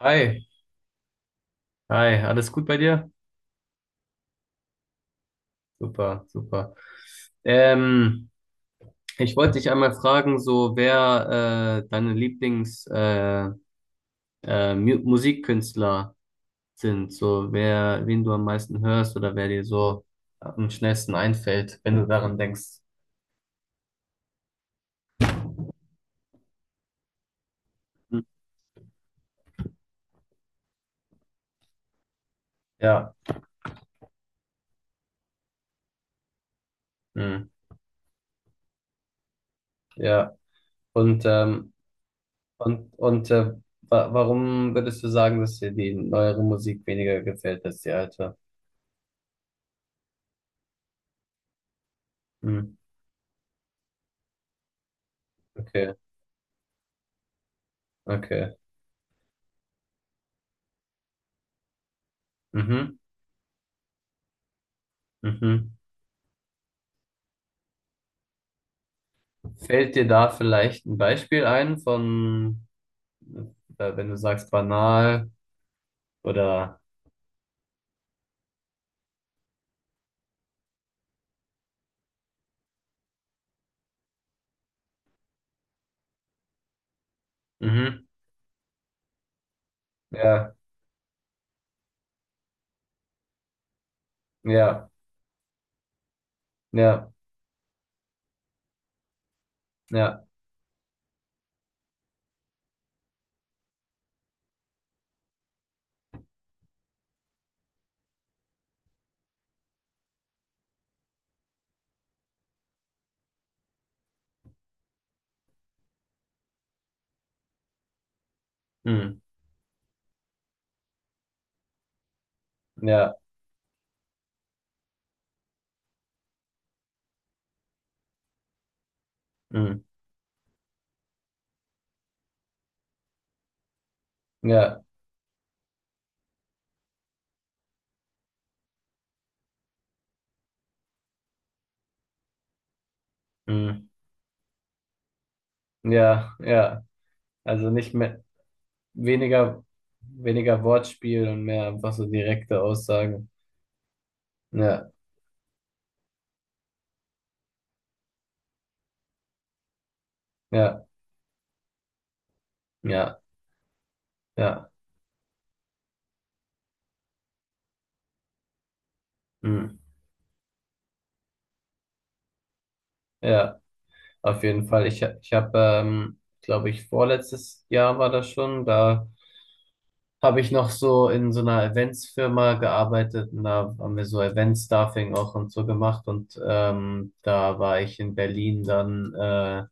Hi, hi, alles gut bei dir? Super, super. Ähm, ich wollte dich einmal fragen, so wer deine Lieblings Mu Musikkünstler sind, so wer, wen du am meisten hörst oder wer dir so am schnellsten einfällt, wenn du daran denkst. Hm. Ja, hm, ja. Und ähm, und wa warum würdest du sagen, dass dir die neuere Musik weniger gefällt als die alte? Hm. Okay, okay. Mhm. Mhm. Fällt dir da vielleicht ein Beispiel ein, von, wenn du sagst banal? Oder mhm, ja, ja, ja, ja, mm, ja, mm, ja, mm, ja, ja. Also nicht mehr weniger weniger Wortspiel und mehr einfach so direkte Aussagen. Ja, ja, ja, ja, mm, ja. Auf jeden Fall. Ich habe, glaube ich, vorletztes Jahr war das schon da. Habe ich noch so in so einer Eventsfirma gearbeitet, und da haben wir so Event-Staffing auch und so gemacht. Und da war ich in Berlin, dann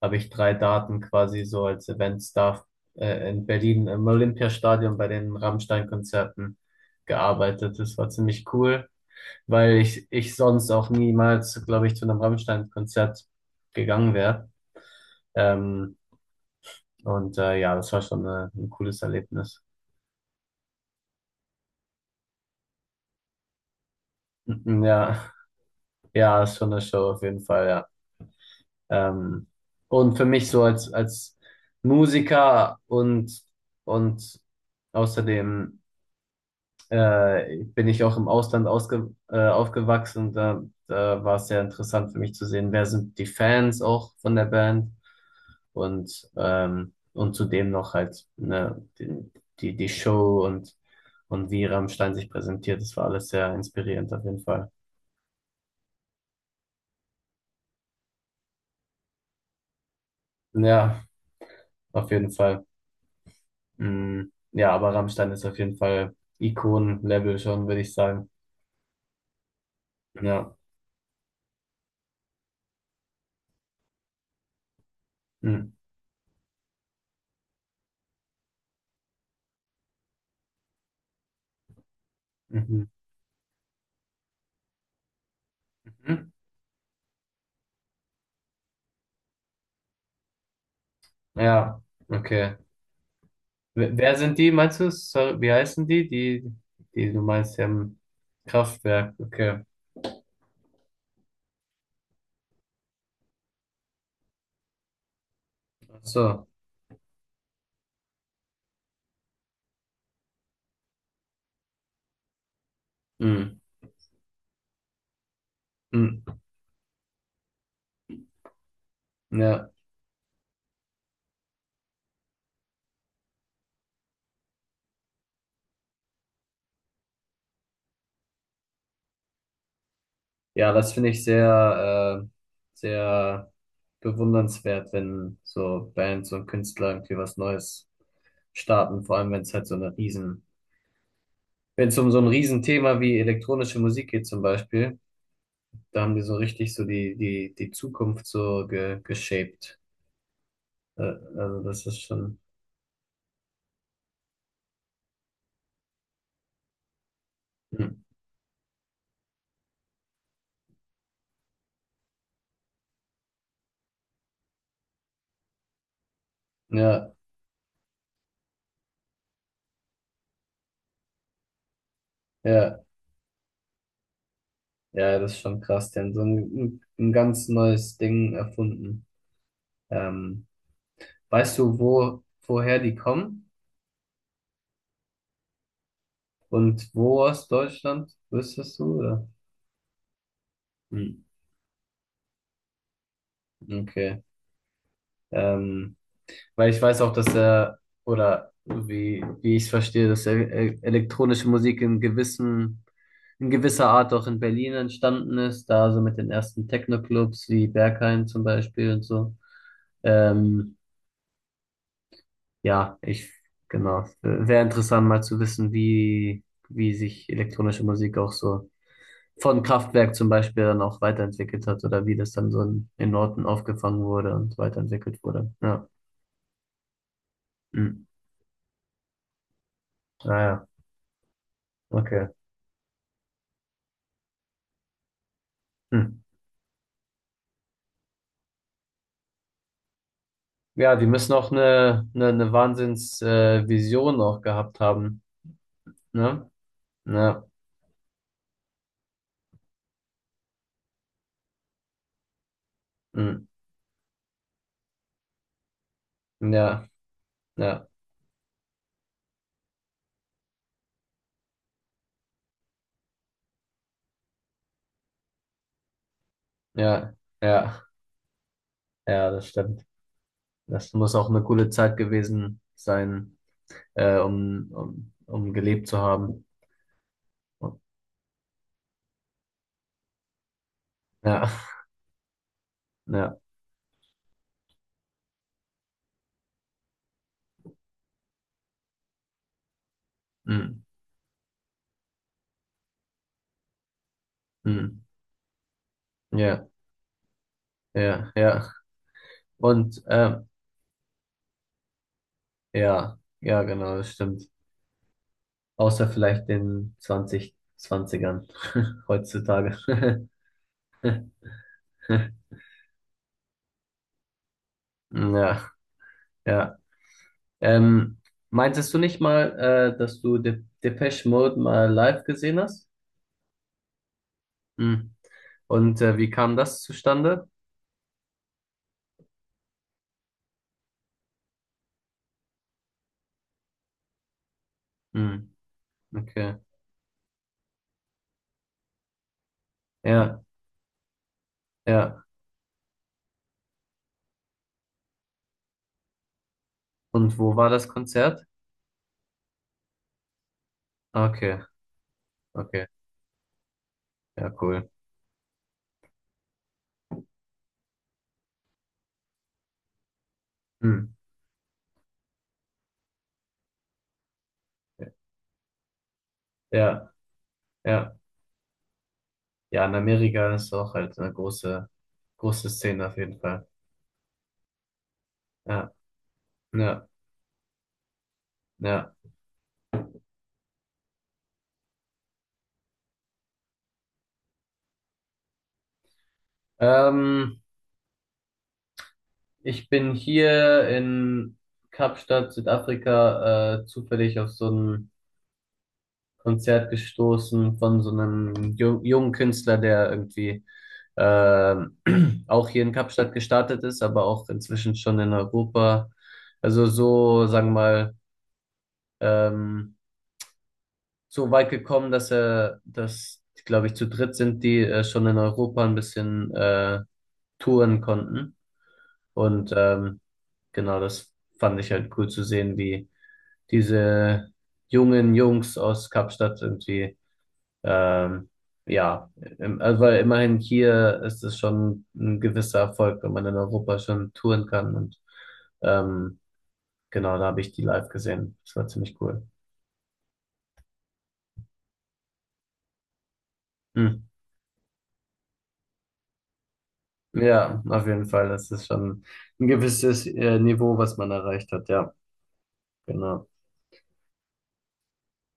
habe ich drei Daten quasi so als Event-Staff in Berlin im Olympiastadion bei den Rammstein-Konzerten gearbeitet. Das war ziemlich cool, weil ich sonst auch niemals, glaube ich, zu einem Rammstein-Konzert gegangen wäre. Ähm, ja, das war schon ein cooles Erlebnis. Ja. Ja, ist schon eine Show auf jeden Fall, ja. Ähm, und für mich so als, Musiker und außerdem bin ich auch im Ausland aufgewachsen. Da war es sehr interessant für mich zu sehen, wer sind die Fans auch von der Band, und zudem noch halt, ne, die, Show, und wie Rammstein sich präsentiert. Das war alles sehr inspirierend auf jeden Fall. Ja, auf jeden Fall. Mm, ja, aber Rammstein ist auf jeden Fall Ikonen-Level schon, würde ich sagen. Ja. Mm. Mhm. Mhm. Ja, okay. Wer sind die, meinst du? Sorry, wie heißen die? Die, die du meinst, die haben Kraftwerk. Okay. Ach so. Mm, mm, ja. Ja, das finde ich sehr bewundernswert, wenn so Bands und Künstler irgendwie was Neues starten, vor allem wenn es halt so eine riesen Wenn es um so ein Riesenthema wie elektronische Musik geht, zum Beispiel. Da haben die so richtig so die Zukunft so geshaped. Äh, also das ist schon— Hm. Ja, ja, ja, das ist schon krass. Die haben so ein ganz neues Ding erfunden. Ähm, Weißt du, woher die kommen? Und wo aus Deutschland? Wüsstest du, oder? Hm. Okay. Ähm, weil ich weiß auch, dass er, oder wie ich es verstehe, dass er, elektronische Musik in gewissen, in gewisser Art auch in Berlin entstanden ist, da so mit den ersten Techno-Clubs wie Berghain zum Beispiel und so. Ähm, ja, ich, genau. Wäre interessant mal zu wissen, wie sich elektronische Musik auch so von Kraftwerk zum Beispiel dann auch weiterentwickelt hat, oder wie das dann so in, Norton aufgefangen wurde und weiterentwickelt wurde. Ja. Hm. Naja, okay. Hm. Ja, die müssen auch eine, Wahnsinns-, Vision auch gehabt haben, ne? Ja, mm, ja, ja, ja, ja, ja, das stimmt. Das muss auch eine coole Zeit gewesen sein, um gelebt zu haben. Ja, ja, mm, mm, ja, ja, ja. Und, ähm, ja, ja, genau, das stimmt. Außer vielleicht den 2020ern heutzutage. Ja, ja. Ähm, meintest du nicht mal, dass du De Depeche Mode mal live gesehen hast? Hm. Und wie kam das zustande? Hm. Okay. Ja, ja. Und wo war das Konzert? Ah, okay, okay. Ja, cool. Hm. Ja, ja. Ja, in Amerika ist auch halt eine große, große Szene auf jeden Fall. Ja, ja, ja. Ähm, ich bin hier in Kapstadt, Südafrika, zufällig auf so einem Konzert gestoßen von so einem jungen Künstler, der irgendwie ähm, auch hier in Kapstadt gestartet ist, aber auch inzwischen schon in Europa. Also so, sagen wir mal, ähm, so weit gekommen, dass, glaube ich, zu dritt sind, die schon in Europa ein bisschen touren konnten. Und genau, das fand ich halt cool zu sehen, wie diese jungen Jungs aus Kapstadt irgendwie— Ähm, ja, also weil immerhin hier ist es schon ein gewisser Erfolg, wenn man in Europa schon touren kann. Und ähm, genau, da habe ich die live gesehen. Das war ziemlich cool. Hm. Ja, auf jeden Fall. Das ist schon ein gewisses Niveau, was man erreicht hat. Ja, genau.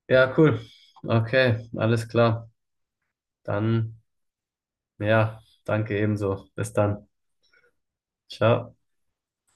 Ja, cool. Okay, alles klar. Dann, ja, danke ebenso. Bis dann. Ciao.